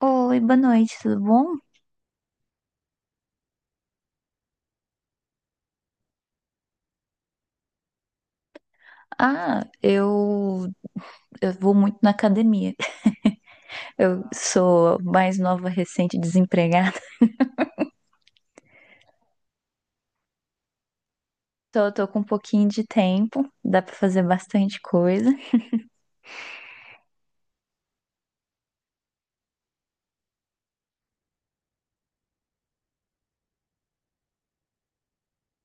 Oi, boa noite, tudo bom? Ah, eu vou muito na academia. Eu sou mais nova, recente, desempregada. Tô com um pouquinho de tempo, dá pra fazer bastante coisa.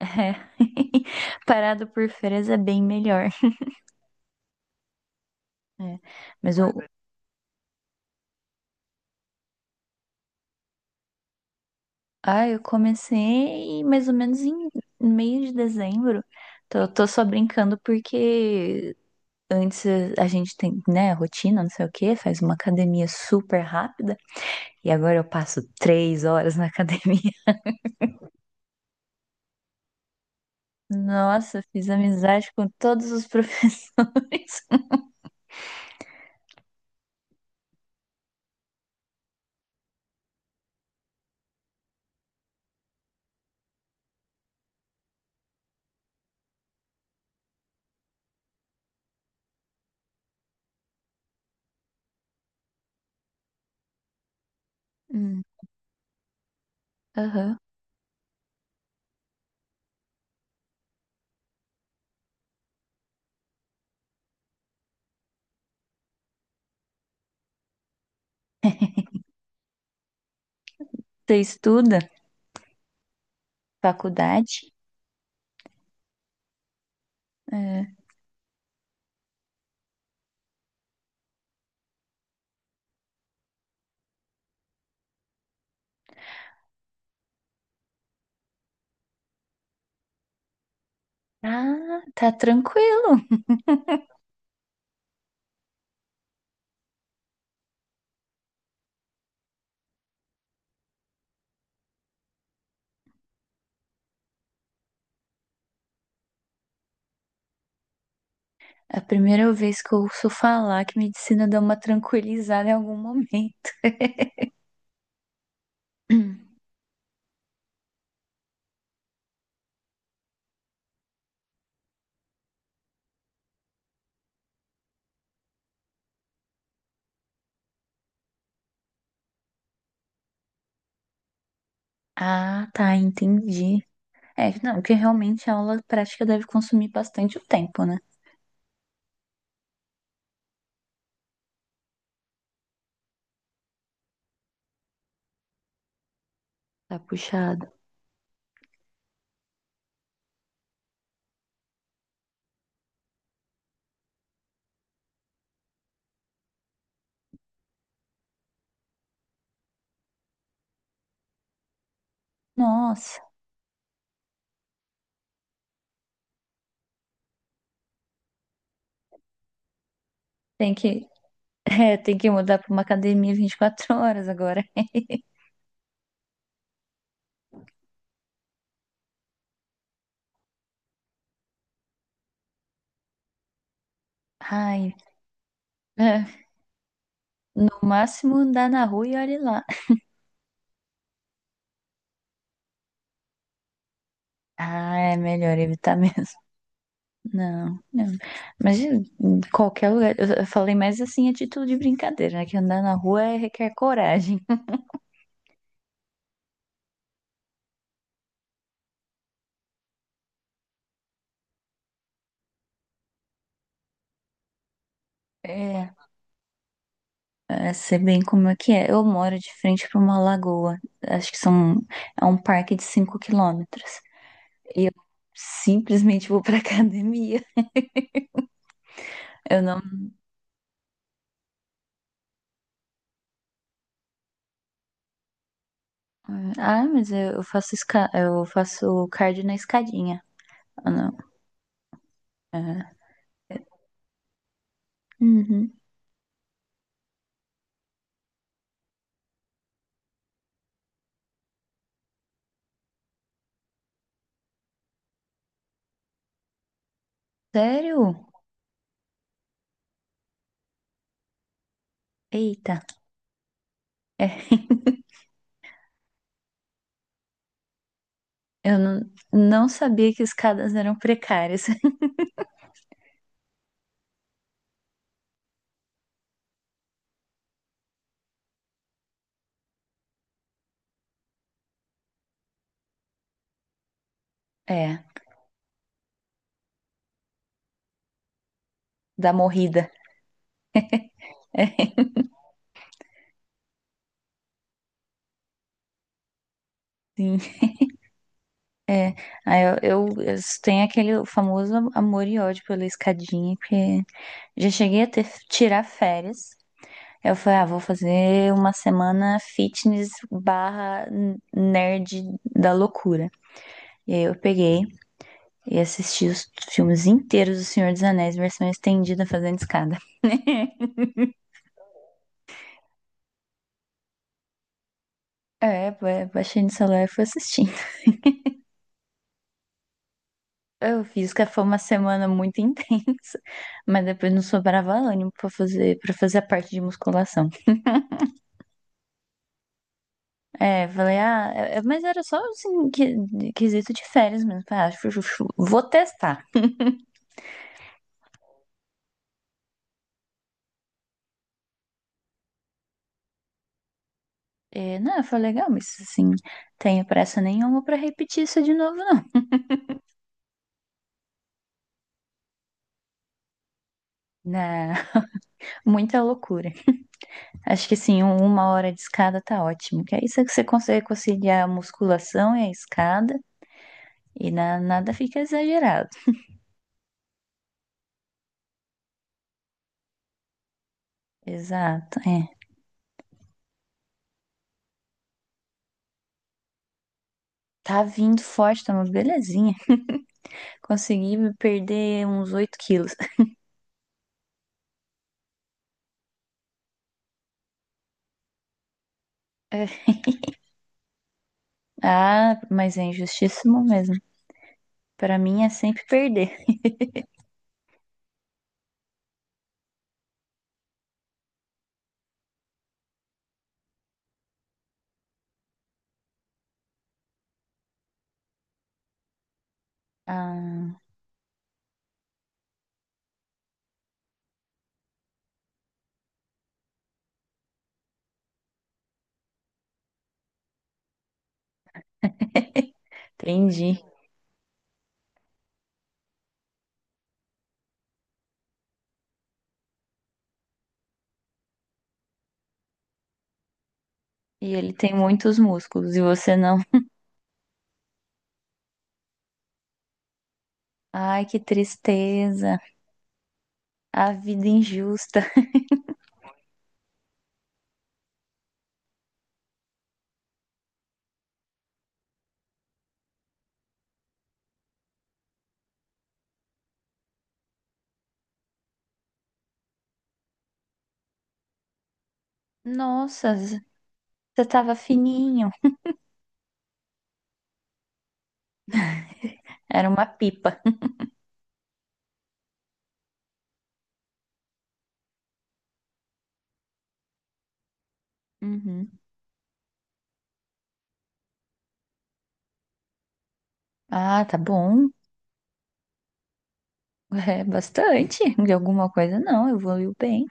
É. Parado por férias é bem melhor. É. Mas eu comecei mais ou menos em meio de dezembro. Tô só brincando porque antes a gente tem, né, rotina, não sei o quê, faz uma academia super rápida. E agora eu passo 3 horas na academia. Nossa, fiz amizade com todos os professores. Hum, aham. Você estuda faculdade? É. Ah, tá tranquilo. É a primeira vez que eu ouço falar que medicina dá uma tranquilizada em algum momento. Hum. Ah, tá, entendi. É, não, porque realmente a aula prática deve consumir bastante o tempo, né? Tá puxado. Nossa, tem que, é, tem que mudar pra uma academia 24 horas agora. Ai, é, o máximo andar na rua e olhe lá. Ah, é melhor evitar mesmo. Não, não. Mas em qualquer lugar. Eu falei mais assim a título de brincadeira, né? Que andar na rua requer coragem. É, é, sei bem como é que é. Eu moro de frente para uma lagoa. Acho que é um parque de 5 quilômetros. E eu simplesmente vou pra academia. Eu não. Ah, mas eu faço cardio na escadinha. Ah, não. É. é, Uhum. Sério? Eita. É, eu não sabia que escadas eram precárias. É, da morrida. Sim, é. Aí eu tenho aquele famoso amor e ódio pela escadinha, porque já cheguei a tirar férias. Eu falei, ah, vou fazer uma semana fitness barra nerd da loucura. E aí e assisti os filmes inteiros do Senhor dos Anéis, versão estendida, fazendo escada. é, baixei no celular e fui assistindo. Eu fiz que foi uma semana muito intensa, mas depois não sobrava ânimo para fazer a parte de musculação. É, falei, ah, mas era só assim, quesito de férias mesmo. Falei, ah, vou testar. E, não, foi legal, mas assim, tenho pressa nenhuma pra repetir isso de novo, não. Na, muita loucura. Acho que assim, uma hora de escada tá ótimo, que aí você consegue conciliar a musculação e a escada e nada fica exagerado. Exato, é. Tá vindo forte, tá uma belezinha. Consegui perder uns 8 quilos. É. Ah, mas é injustíssimo mesmo. Pra mim é sempre perder. Ah, entendi. E ele tem muitos músculos e você não. Ai, que tristeza. A vida injusta. Nossa, você tava fininho. Era uma pipa. Uhum. Ah, tá bom. É bastante. De alguma coisa, não. Evoluiu bem.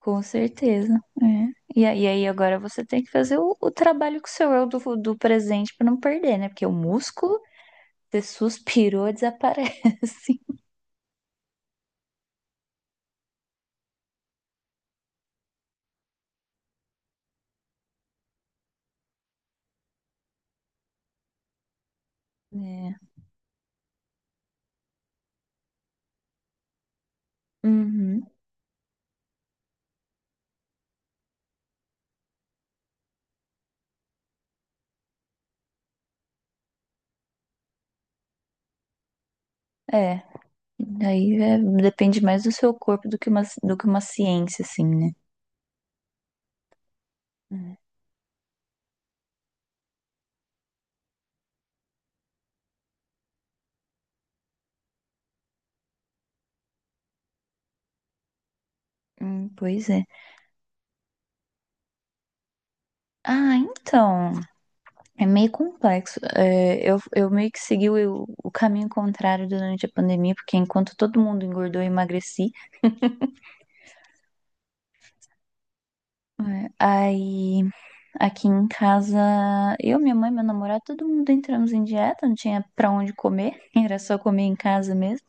Com certeza. É. E aí agora você tem que fazer o trabalho com o seu eu do presente pra não perder, né? Porque o músculo, você suspirou, desaparece. É. Uhum. É. Daí é, depende mais do seu corpo do que uma, ciência, assim, né? É. Pois é. Ah, então. É meio complexo. É, eu meio que segui o caminho contrário durante a pandemia, porque enquanto todo mundo engordou, eu emagreci. É, aí aqui em casa, eu, minha mãe, meu namorado, todo mundo entramos em dieta, não tinha pra onde comer, era só comer em casa mesmo.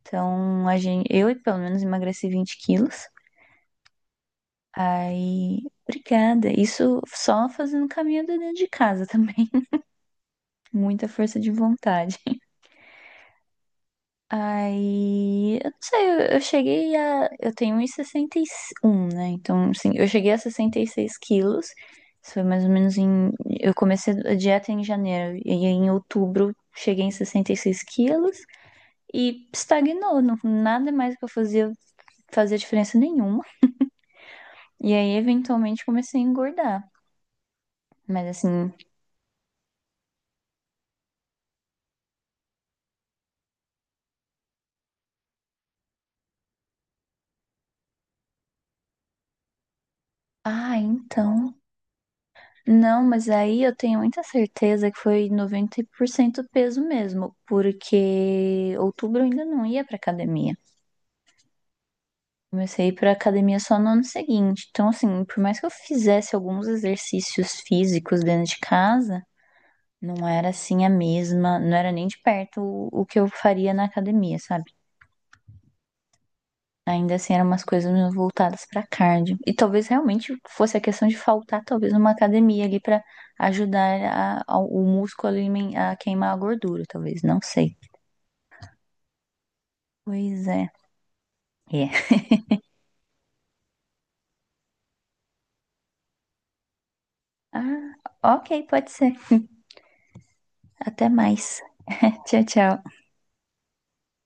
Então, eu pelo menos emagreci 20 quilos. Aí, obrigada. Isso só fazendo caminhada dentro de casa também. Muita força de vontade. Aí, eu não sei, eu cheguei a. Eu tenho 1,61, né? Então, assim, eu cheguei a 66 quilos. Isso foi mais ou menos em. Eu comecei a dieta em janeiro, e aí em outubro cheguei em 66 quilos e estagnou. Não, nada mais que eu fazia diferença nenhuma. E aí, eventualmente, comecei a engordar. Mas assim, ah, então. Não, mas aí eu tenho muita certeza que foi 90% peso mesmo, porque outubro eu ainda não ia pra academia. Comecei a ir pra academia só no ano seguinte. Então, assim, por mais que eu fizesse alguns exercícios físicos dentro de casa, não era assim a mesma, não era nem de perto o que eu faria na academia, sabe? Ainda assim, eram umas coisas meio voltadas pra cardio. E talvez realmente fosse a questão de faltar, talvez, uma academia ali pra ajudar o músculo ali a queimar a gordura, talvez. Não sei. Pois é. É. Ah, ok, pode ser. Até mais. Tchau, tchau.